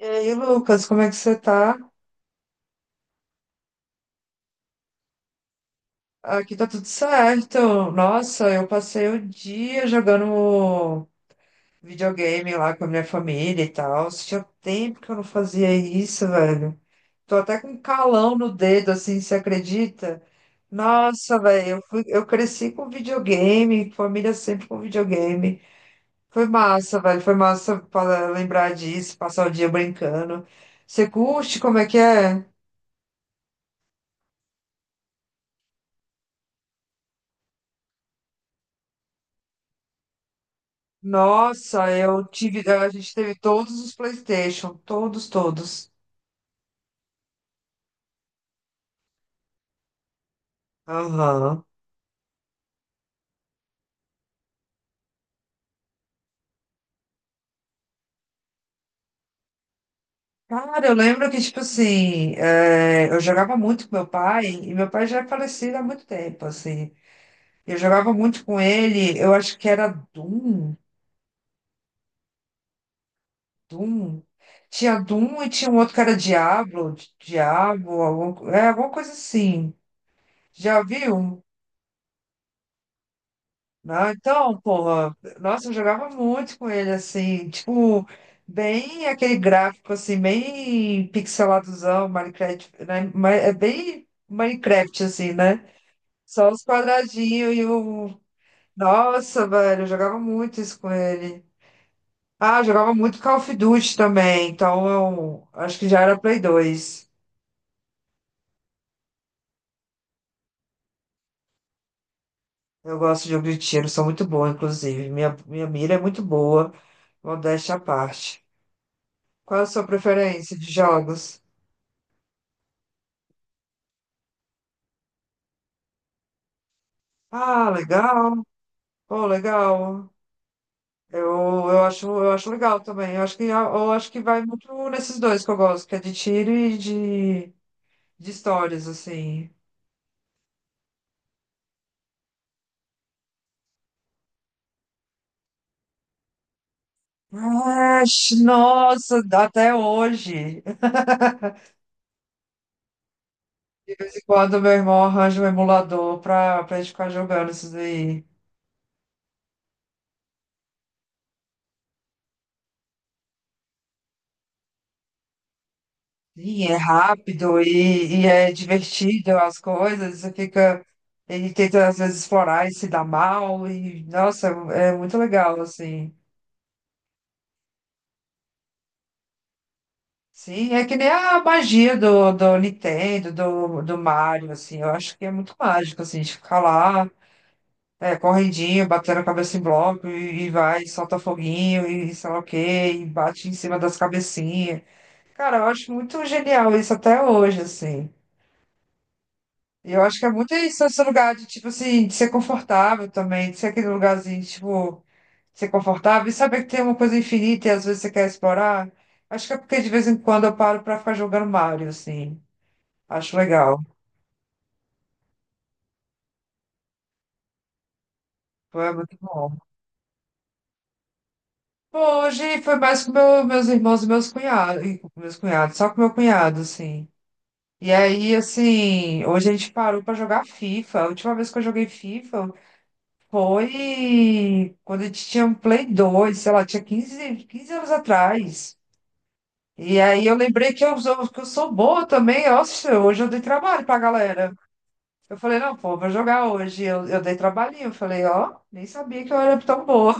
E aí, Lucas, como é que você tá? Aqui tá tudo certo. Nossa, eu passei o dia jogando videogame lá com a minha família e tal. Tinha tempo que eu não fazia isso, velho. Tô até com um calão no dedo, assim, você acredita? Nossa, velho, eu cresci com videogame, família sempre com videogame. Foi massa, velho, foi massa para lembrar disso, passar o dia brincando. Você curte? Como é que é? Nossa, eu tive. A gente teve todos os PlayStation, todos, todos. Aham. Cara, eu lembro que, tipo assim, eu jogava muito com meu pai, e meu pai já é falecido há muito tempo, assim. Eu jogava muito com ele, eu acho que era Doom, Doom. Tinha Doom e tinha um outro que era Diablo, Diabo, algum, alguma coisa assim. Já viu? Não, então, porra, nossa, eu jogava muito com ele, assim, tipo, bem aquele gráfico, assim, bem pixeladozão, Minecraft, né? É bem Minecraft, assim, né? Só os quadradinhos e o. Nossa, velho, eu jogava muito isso com ele. Ah, eu jogava muito Call of Duty também, então eu acho que já era Play 2. Eu gosto de jogo de tiro, sou muito boa, inclusive. Minha mira é muito boa, modéstia à parte. Qual a sua preferência de jogos? Ah, legal. Oh, legal. Eu, eu acho legal também. Eu acho que vai muito nesses dois que eu gosto, que é de tiro e de histórias, assim. Ah, nossa, até hoje. De vez em quando meu irmão arranja um emulador pra gente ficar jogando esses aí. E é rápido e é divertido as coisas. Você fica. Ele tenta às vezes explorar e se dá mal. E, nossa, é muito legal, assim. Sim, é que nem a magia do Nintendo, do Mario, assim, eu acho que é muito mágico, assim, de ficar lá, correndinho, batendo a cabeça em bloco, e vai, solta foguinho, e sei lá o quê, e bate em cima das cabecinhas. Cara, eu acho muito genial isso até hoje, assim. E eu acho que é muito isso, esse lugar de, tipo assim, de ser confortável também, de ser aquele lugarzinho, tipo, ser confortável e saber que tem uma coisa infinita e às vezes você quer explorar. Acho que é porque de vez em quando eu paro pra ficar jogando Mario, assim. Acho legal. Foi muito bom. Bom, hoje foi mais com meus irmãos e meus cunhados, e com meus cunhados, só com meu cunhado, assim. E aí, assim, hoje a gente parou pra jogar FIFA. A última vez que eu joguei FIFA foi quando a gente tinha um Play 2, sei lá, tinha quinze anos atrás. E aí eu lembrei que eu sou boa também. Nossa, hoje eu dei trabalho pra galera. Eu falei, não, pô, vou jogar hoje. Eu dei trabalhinho. Eu falei, ó, nem sabia que eu era tão boa.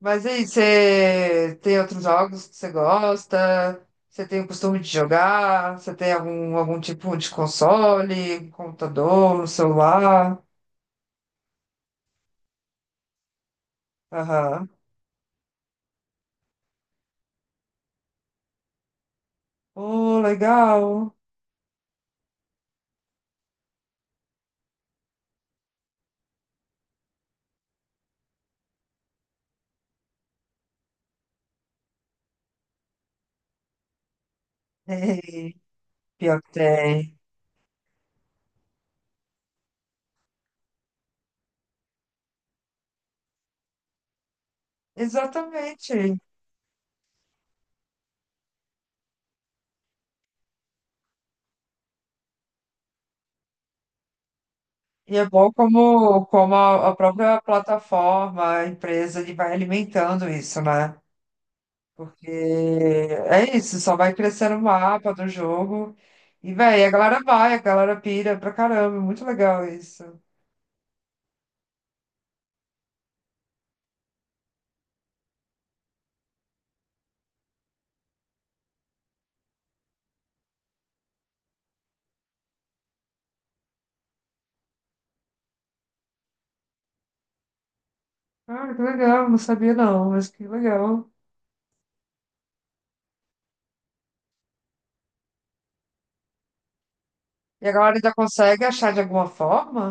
Mas e aí, você tem outros jogos que você gosta? Você tem o costume de jogar? Você tem algum tipo de console, computador, celular? Aham. Oh, legal. Ei, pior que tem. Exatamente. E é bom como a própria plataforma, a empresa, ele vai alimentando isso, né? Porque é isso, só vai crescendo o mapa do jogo. E, véi, a galera vai, a galera pira pra caramba. Muito legal isso. Ah, que legal, não sabia não, mas que legal. E a galera ainda consegue achar de alguma forma?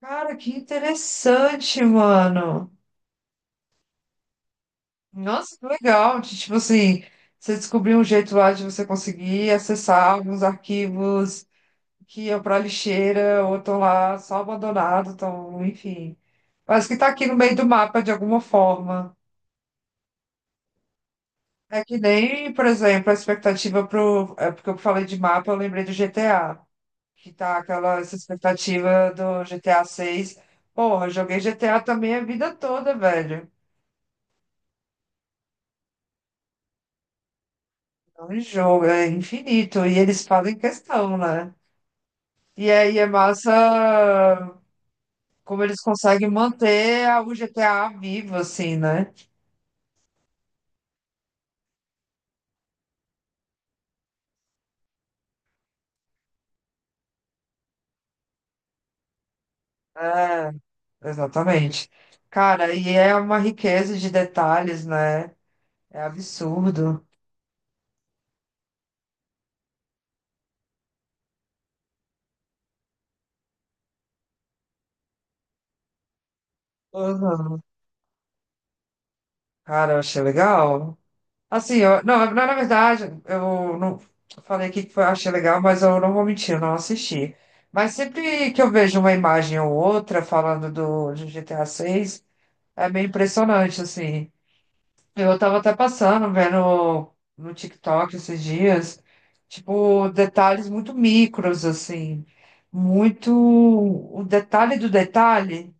Cara, que interessante, mano. Nossa, que legal. Tipo assim, você descobriu um jeito lá de você conseguir acessar alguns arquivos que iam para lixeira ou estão lá só abandonados, estão, enfim. Mas que está aqui no meio do mapa de alguma forma. É que nem, por exemplo, a expectativa pro. É porque eu falei de mapa, eu lembrei do GTA. Que tá aquela essa expectativa do GTA 6. Porra, eu joguei GTA também a vida toda, velho. Não é um jogo, é infinito. E eles fazem questão, né? E aí é massa como eles conseguem manter o GTA vivo, assim, né? É. Exatamente. Cara, e é uma riqueza de detalhes, né? É absurdo. Uhum. Cara, eu achei legal. Assim, eu, não, na verdade, eu não eu falei aqui que foi- achei legal, mas eu não vou mentir, eu não assisti. Mas sempre que eu vejo uma imagem ou outra falando do de GTA 6 é meio impressionante, assim. Eu tava até passando, vendo no TikTok esses dias, tipo, detalhes muito micros, assim, muito o detalhe do detalhe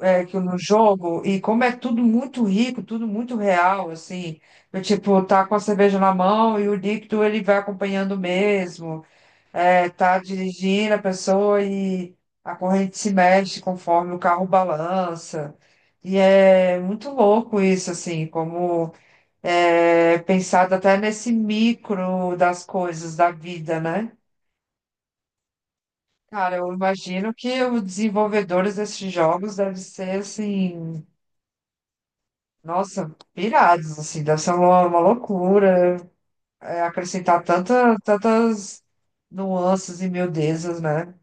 que no jogo, e como é tudo muito rico, tudo muito real, assim, eu, tipo, tá com a cerveja na mão e o líquido ele vai acompanhando mesmo, tá dirigindo a pessoa e a corrente se mexe conforme o carro balança, e é muito louco isso, assim, como pensado até nesse micro das coisas da vida, né? Cara, eu imagino que os desenvolvedores desses jogos devem ser assim, nossa, pirados, assim, deve ser uma loucura acrescentar tantas nuances e miudezas, né?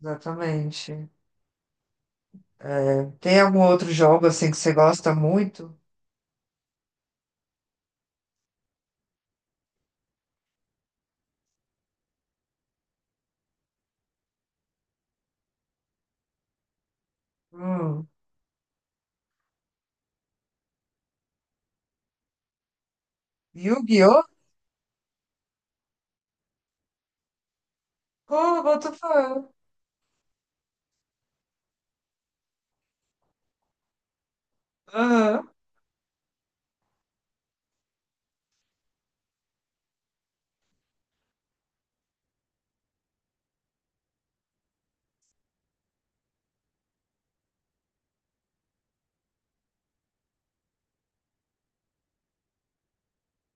Exatamente. É, tem algum outro jogo assim que você gosta muito? Hum. Yu-Gi-Oh! Oh, what the fuck? Aham.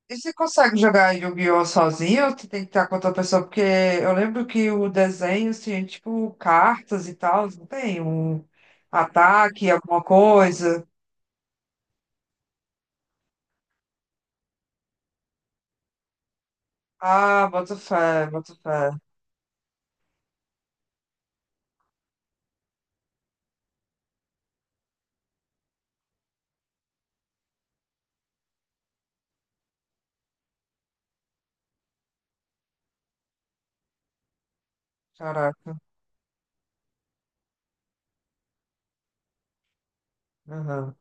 E você consegue jogar Yu-Gi-Oh! Sozinho ou você tem que estar com outra pessoa? Porque eu lembro que o desenho tinha, tipo, cartas e tal, não tem? Um ataque, alguma coisa. Ah, boto fé, boto fé. Caraca. Aham.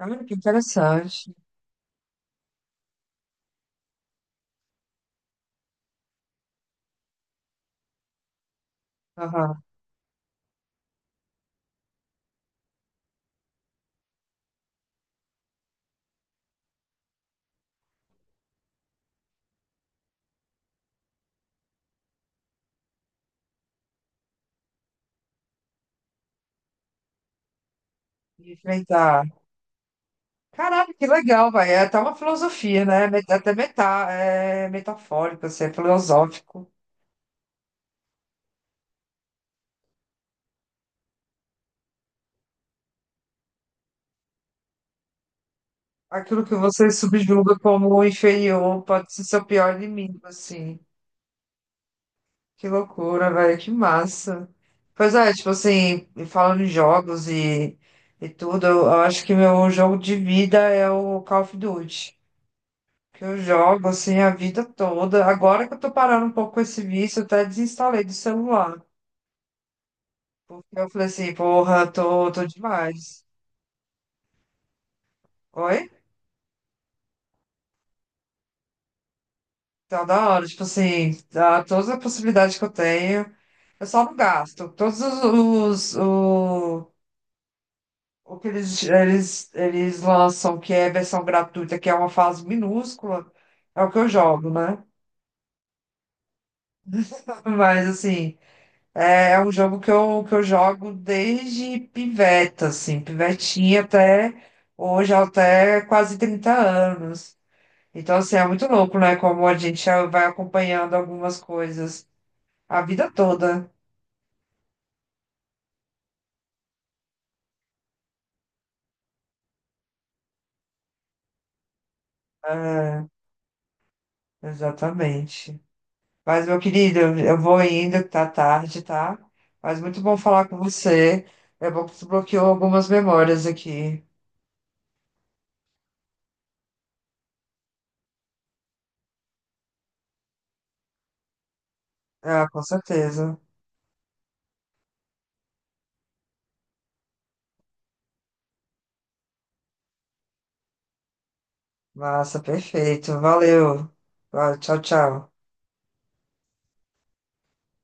Olha que interessante. Aham. Enfrentar. Caraca, que legal, vai. É até uma filosofia, né? Até meta, é metafórico, assim, é filosófico. Aquilo que você subjuga como inferior pode ser seu pior inimigo, assim. Que loucura, velho, que massa. Pois é, tipo assim, e falando em jogos e tudo, eu acho que meu jogo de vida é o Call of Duty. Que eu jogo assim a vida toda. Agora que eu tô parando um pouco com esse vício, eu até desinstalei do celular. Porque eu falei assim, porra, tô demais. Oi? Tá da hora, tipo assim, dá todas as possibilidades que eu tenho. Eu só não gasto. Todos os, o- O que eles lançam, que é versão gratuita, que é uma fase minúscula, é o que eu jogo, né? Mas, assim, é um jogo que eu jogo desde piveta, assim, pivetinha até hoje, até quase 30 anos. Então, assim, é muito louco, né? Como a gente já vai acompanhando algumas coisas a vida toda. É, exatamente. Mas, meu querido, eu vou indo, que tá tarde, tá? Mas muito bom falar com você. É bom que tu bloqueou algumas memórias aqui. Ah, com certeza. Massa, perfeito. Valeu. Ah, Tchau, tchau.